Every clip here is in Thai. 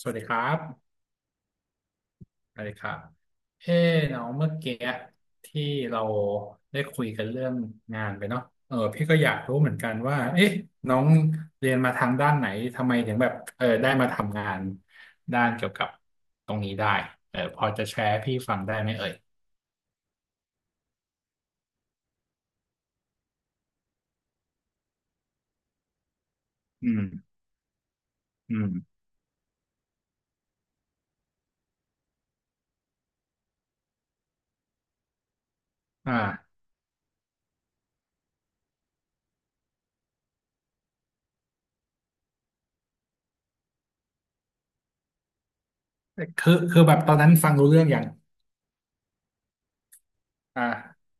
สวัสดีครับสวัสดีครับเอ้น้องเมื่อกี้ที่เราได้คุยกันเรื่องงานไปเนาะเออพี่ก็อยากรู้เหมือนกันว่าเอ๊ะน้องเรียนมาทางด้านไหนทำไมถึงแบบเออได้มาทำงานด้านเกี่ยวกับตรงนี้ได้เออพอจะแชร์ให้พี่ฟังได้ไหมเอ่ยอืมอืมอ่าคือแบบตอนนั้นฟังรู้เรื่องอย่างอ่า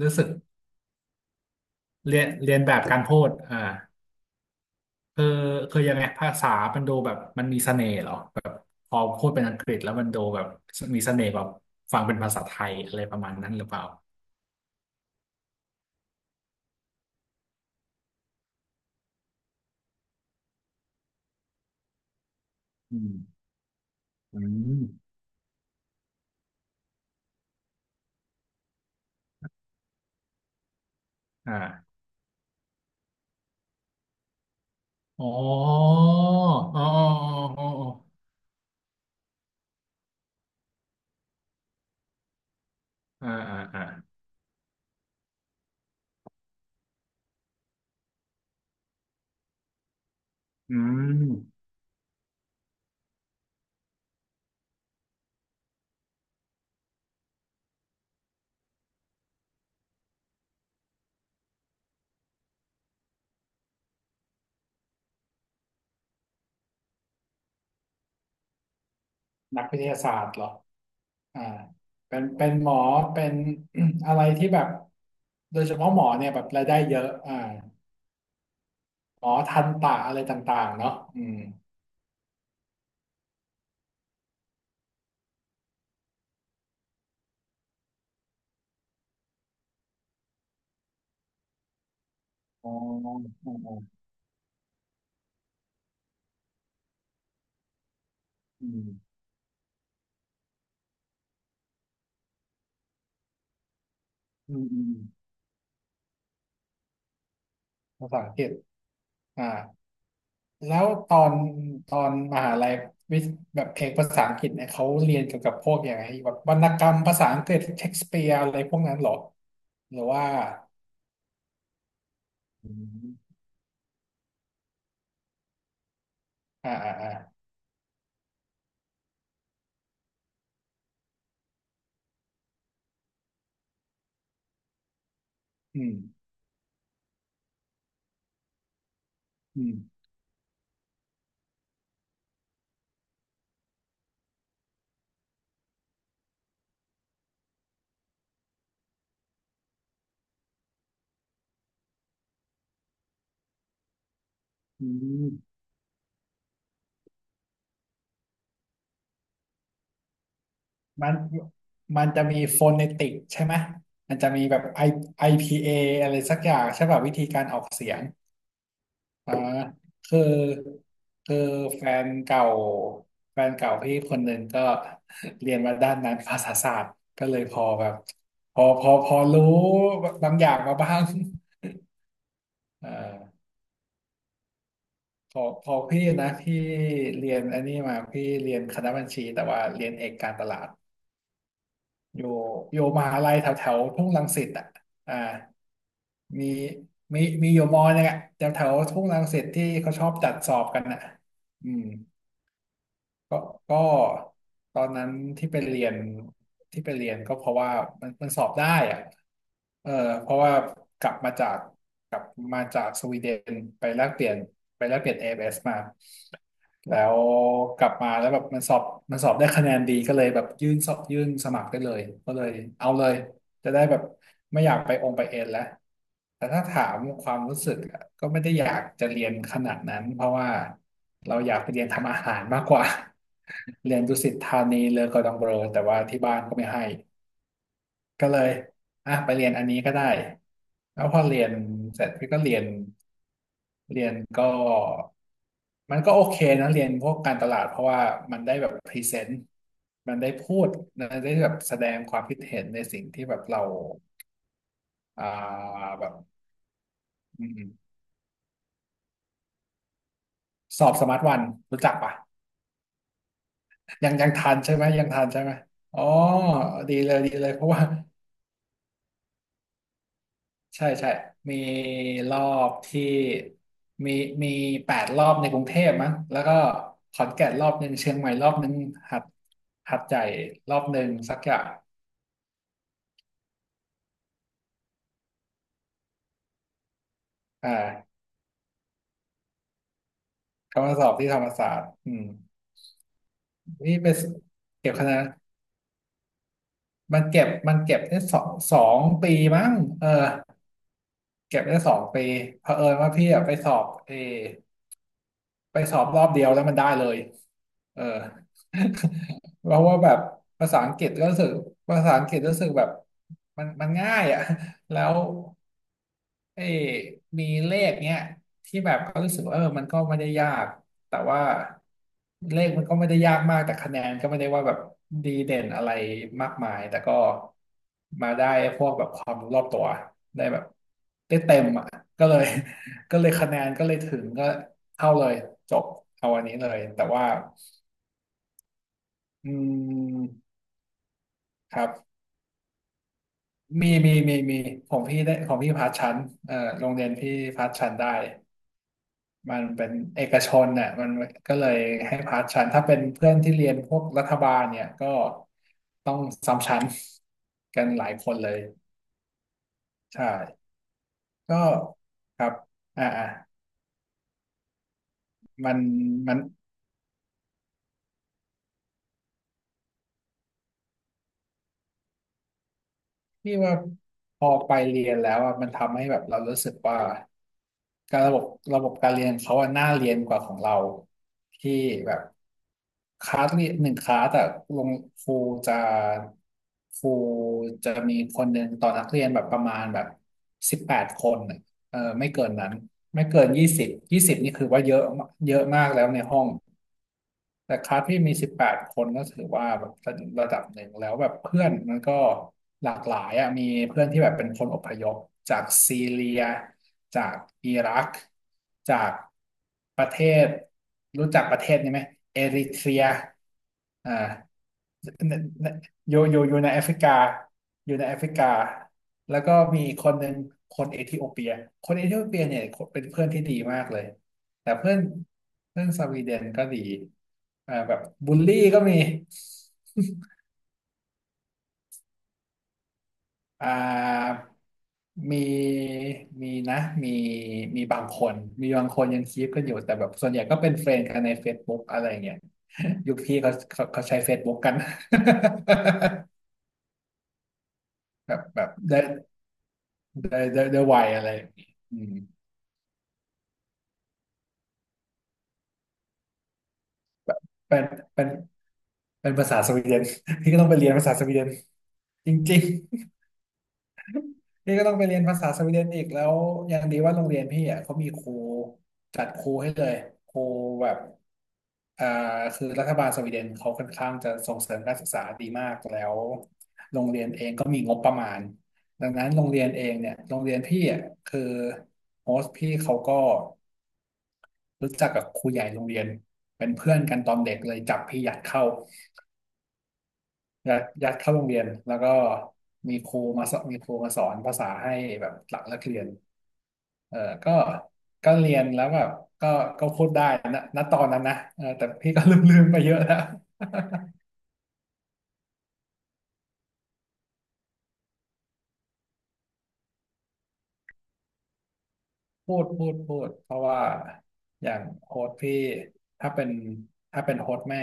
รู้สึกเรียนแบบการพูดอ่า คือคือยังไงภาษามันดูแบบมันมีเสน่ห์เหรอแบบพอพูดเป็นอังกฤษแล้วมันดูแบบมีเสน่ห์แบบฟังเป็นภาษาไทยอะไรประมาณนั้นหรือเปล่าอืมอืมอ่าอ๋ออ๋ออ๋ออ๋ออ๋ออ่าอ่าอ่าอืมนักวิทยาศาสตร์เหรออ่าเป็นเป็นหมอเป็น อะไรที่แบบโดยเฉพาะหมอเนี่ยแบบรายได้เยอะอ่าหมอทันตะอะไรต่างๆเนาะอืมอ๋ออ๋ออ๋ออืม อืมอืมภาษาอังกฤษอ่าแล้วตอนตอนมหาลัยวิแบบเอกภาษาอังกฤษเนี่ยเขาเรียนเกี่ยวกับพวกอย่างไรแบบวรรณกรรมภาษาอังกฤษเชคสเปียร์อะไรพวกนั้นเหรอหรือว่าอืมอ่าอ่าอ่าอืมอืมอืมมันมันจะมีโฟ o น e ติกใช่ไหมมันจะมีแบบ I IPA ออะไรสักอย่างใช่ป่ะวิธีการออกเสียง คือคือแฟนเก่าแฟนเก่าพี่คนหนึ่งก็ เรียนมาด้านนั้นภาษาศาสตร์ก็เลยพอแบบพอรู้บางอย่างมาบ้าง เออพอพี่นะพี่เรียนอันนี้มาพี่เรียนคณะบัญชีแต่ว่าเรียนเอกการตลาดอยู่อยู่มหาลัยแถวแถวทุ่งรังสิตอ่ะอ่ามีอยู่มอนึงอ่ะแถวแถวทุ่งรังสิตที่เขาชอบจัดสอบกันอ่ะอืม ก็ก็ตอนนั้นที่ไปเรียนที่ไปเรียนก็เพราะว่ามันสอบได้อะเออเพราะว่ากลับมาจากกลับมาจากสวีเดนไปแลกเปลี่ยนไปแลกเปลี่ยน a อ s มาแล้วกลับมาแล้วแบบมันสอบได้คะแนนดีก็เลยแบบยื่นสอบยื่นสมัครได้เลยก็เลยเอาเลย จะได้แบบไม่อยากไปองค์ไปเอ็นแล้วแต่ถ้าถามความรู้สึกอะก็ไม่ได้อยากจะเรียนขนาดนั้นเพราะว่าเราอยากไปเรียนทำอาหารมากกว่า เรียนดุสิตธานีเลอกอร์ดองเบลอแต่ว่าที่บ้านก็ไม่ให้ก็เลยอ่ะไปเรียนอันนี้ก็ได้แล้วพอเรียนเสร็จพี่ก็เรียนก็มันก็โอเคนะเรียนพวกการตลาดเพราะว่ามันได้แบบพรีเซนต์มันได้พูดมันได้แบบแสดงความคิดเห็นในสิ่งที่แบบเรา อ่าแบบอืมๆสอบสมาร์ทวันรู้จักปะยังยังทันใช่ไหมยังทันใช่ไหมอ๋อดีเลยดีเลยเพราะว่า ใช่ใช่มีรอบที่มีมี8 รอบในกรุงเทพมั้งแล้วก็ขอนแก่นรอบหนึ่งเชียงใหม่รอบหนึ่งหัดหัดใหญ่รอบหนึ่งสักอย่างอ่าเขามาสอบที่ธรรมศาสตร์อืมนี่ไปเก็บคะแนนมันเก็บมันเก็บได้สองปีมั้งเออ เก็บได้สองปีเผอิญว่าพี่อะไปสอบรอบเดียวแล้วมันได้เลยเออ เพราะว่าแบบภาษาอังกฤษก็รู้สึกภาษาอังกฤษรู้สึกแบบมันง่ายอ่ะ แล้วเอ้ยมีเลขเนี้ยที่แบบก็รู้สึกว่าเออมันก็ไม่ได้ยากแต่ว่าเลขมันก็ไม่ได้ยากมากแต่คะแนนก็ไม่ได้ว่าแบบดีเด่นอะไรมากมายแต่ก็มาได้พวกแบบความรู้รอบตัวได้แบบได้เต็มอ่ะก็เลย ก็เลยคะแนนก็เลยถึงก็เท่าเลยจบเอาอันนี้เลยแต่ว่าอืมครับมีมีของพี่ได้ของพี่พาสชั้นโรงเรียนพี่พาสชั้นได้มันเป็นเอกชนน่ะมันก็เลยให้พาสชั้นถ้าเป็นเพื่อนที่เรียนพวกรัฐบาลเนี่ยก็ต้องซ้ำชั้นกันหลายคนเลยใช่ก็ครับอ่าอ่ามันมัน พี่ว่าพอไปเรียนแล้วอะมันทำให้แบบเรารู้สึกว่าการระบบการเรียนเขาอะน่าเรียนกว่าของเราที่แบบคลาสเรียนหนึ่งคลาสอะลงครูจะครูมีคนหนึ่งต่อนักเรียนแบบประมาณแบบ18 คนอะเออไม่เกินนั้นไม่เกิน20 20นี่คือว่าเยอะเยอะมากแล้วในห้อง แต่คลาสพี่มี18คนก็ถือว่าแบบระดับหนึ่งแล้วแบบเพื่อนมันก็หลากหลายอ่ะมีเพื่อนที่แบบเป็นคนอพยพจากซีเรียจากอิรักจากประเทศรู้จักประเทศนี้ไหมเอริเทรียอ่าอยู่ในแอฟริกาอยู่ในแอฟริกาแล้วก็มีคนหนึ่งคนเอธิโอเปียคนเอธิโอเปียเนี่ยเป็นเพื่อนที่ดีมากเลย แต่เพื่อนเพื่อนสวีเดนก็ดีแบบบูลลี่ก็มีอ่ามีมีนะมีมีบางคนยังคีปกันอยู่แต่แบบส่วนใหญ่ก็เป็นเฟรนด์กันใน Facebook อะไรเงี้ย ยุคพี่เขาใช้ Facebook กัน แบบได้ไวอะไรอย่างงี้อืมเป็นเป็นเป็นภาษาสวีเดน พี่ก็ต้องไปเรียนภาษาสวีเดนจริง พี่ก็ต้องไปเรียนภาษาสวีเดนอีกแล้วยังดีว่าโรงเรียนพี่อ่ะเขามีครูจัดครูให้เลยครูแบบอ่าคือรัฐบาลสวีเดนเขาค่อนข้างจะส่งเสริมการศึกษาดีมากแล้วโรงเรียนเองก็มีงบประมาณดังนั้นโรงเรียนเองเนี่ยโรงเรียนพี่อ่ะคือโฮสต์พี่เขาก็รู้จักกับครูใหญ่โรงเรียนเป็นเพื่อนกันตอนเด็กเลยจับพี่ยัดเข้ายัดเข้าโรงเรียนแล้วก็มีครูมาสอนภาษาให้แบบหลังเลิกเรียน เออก็ก็เรียนแล้วแบบก็ก็พูดได้นะณตอนนั้นนะเออแต่พี่ก็ลืมไปเยอะแล้ว พูดเพราะว่าอย่างโค้ชพี่ถ้าเป็นโค้ชแม่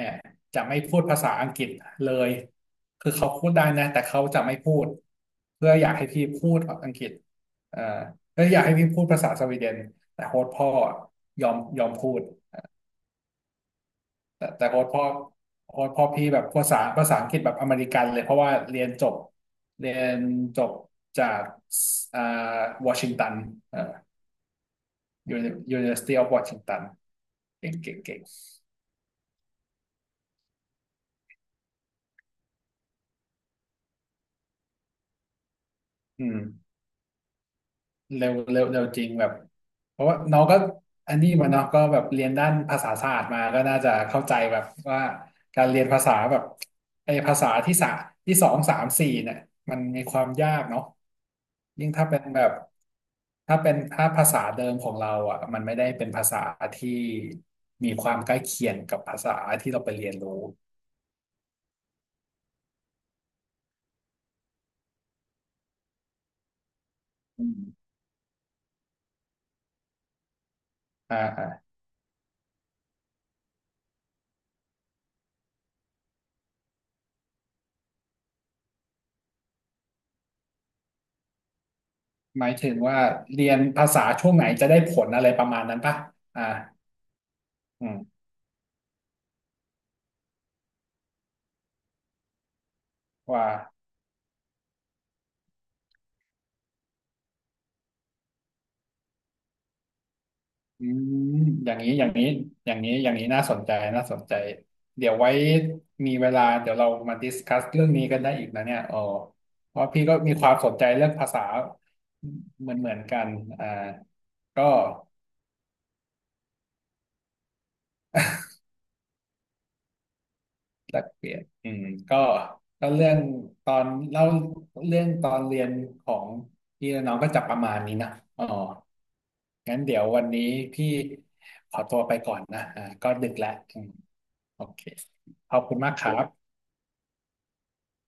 จะไม่พูดภาษาอังกฤษเลย คือเขาพูดได้นะแต่เขาจะไม่พูด เพื่ออยากให้พี่พูดอังกฤษเอ่อเพื่ออยากให้พี่พูดภาษาสวีเดนแต่โค้ชพ่อยอมพูด แต่โค้ชพ่อโค้ชพ่อพี่แบบภาษาภาษาอังกฤษแบบอเมริกันเลยเพราะว่าเรียนจบจากอ่าวอชิงตันเอ่อ University of Washington เก่งเก่งเก่งอืม เร็วเร็วเร็วจริงแบบเพราะว่าน้องก็อันนี้มาเนาะก็แบบเรียนด้านภาษาศาสตร์มาก็น่าจะเข้าใจแบบว่าการเรียนภาษาแบบไอ้ภาษาที่สองสามสี่เนี่ยมันมีความยากเนาะยิ่งถ้าเป็นแบบถ้าเป็นถ้าภาษาเดิมของเราอ่ะมันไม่ได้เป็นภาษาที่มีความใกล้เคียงกับภาษาที่เราไปเรียนรู้อืมอ่าอ่าหมายถึงว่าเรียนภาษาช่วงไหนจะได้ผลอะไรประมาณนั้นปะอ่าอืมว่า อืมอย่างนี้อย่างนี้น่าสนใจน่าสนใจเดี๋ยวไว้มีเวลาเดี๋ยวเรามาดิสคัสเรื่องนี้กันได้อีกนะเนี่ยอ๋อเพราะพี่ก็มีความสนใจเรื่องภาษาเหมือนเหมือนกันอ่าก็แลกเปลี่ยนอืมก็ก็เรื่องตอนเล่าเรื่องตอนเรียนของพี่และน้องก็จะประมาณนี้นะอ๋องั้นเดี๋ยววันนี้พี่ขอตัวไปก่อนนะก็ดึกแล้วอืมโอเคขอบคุณมากครับ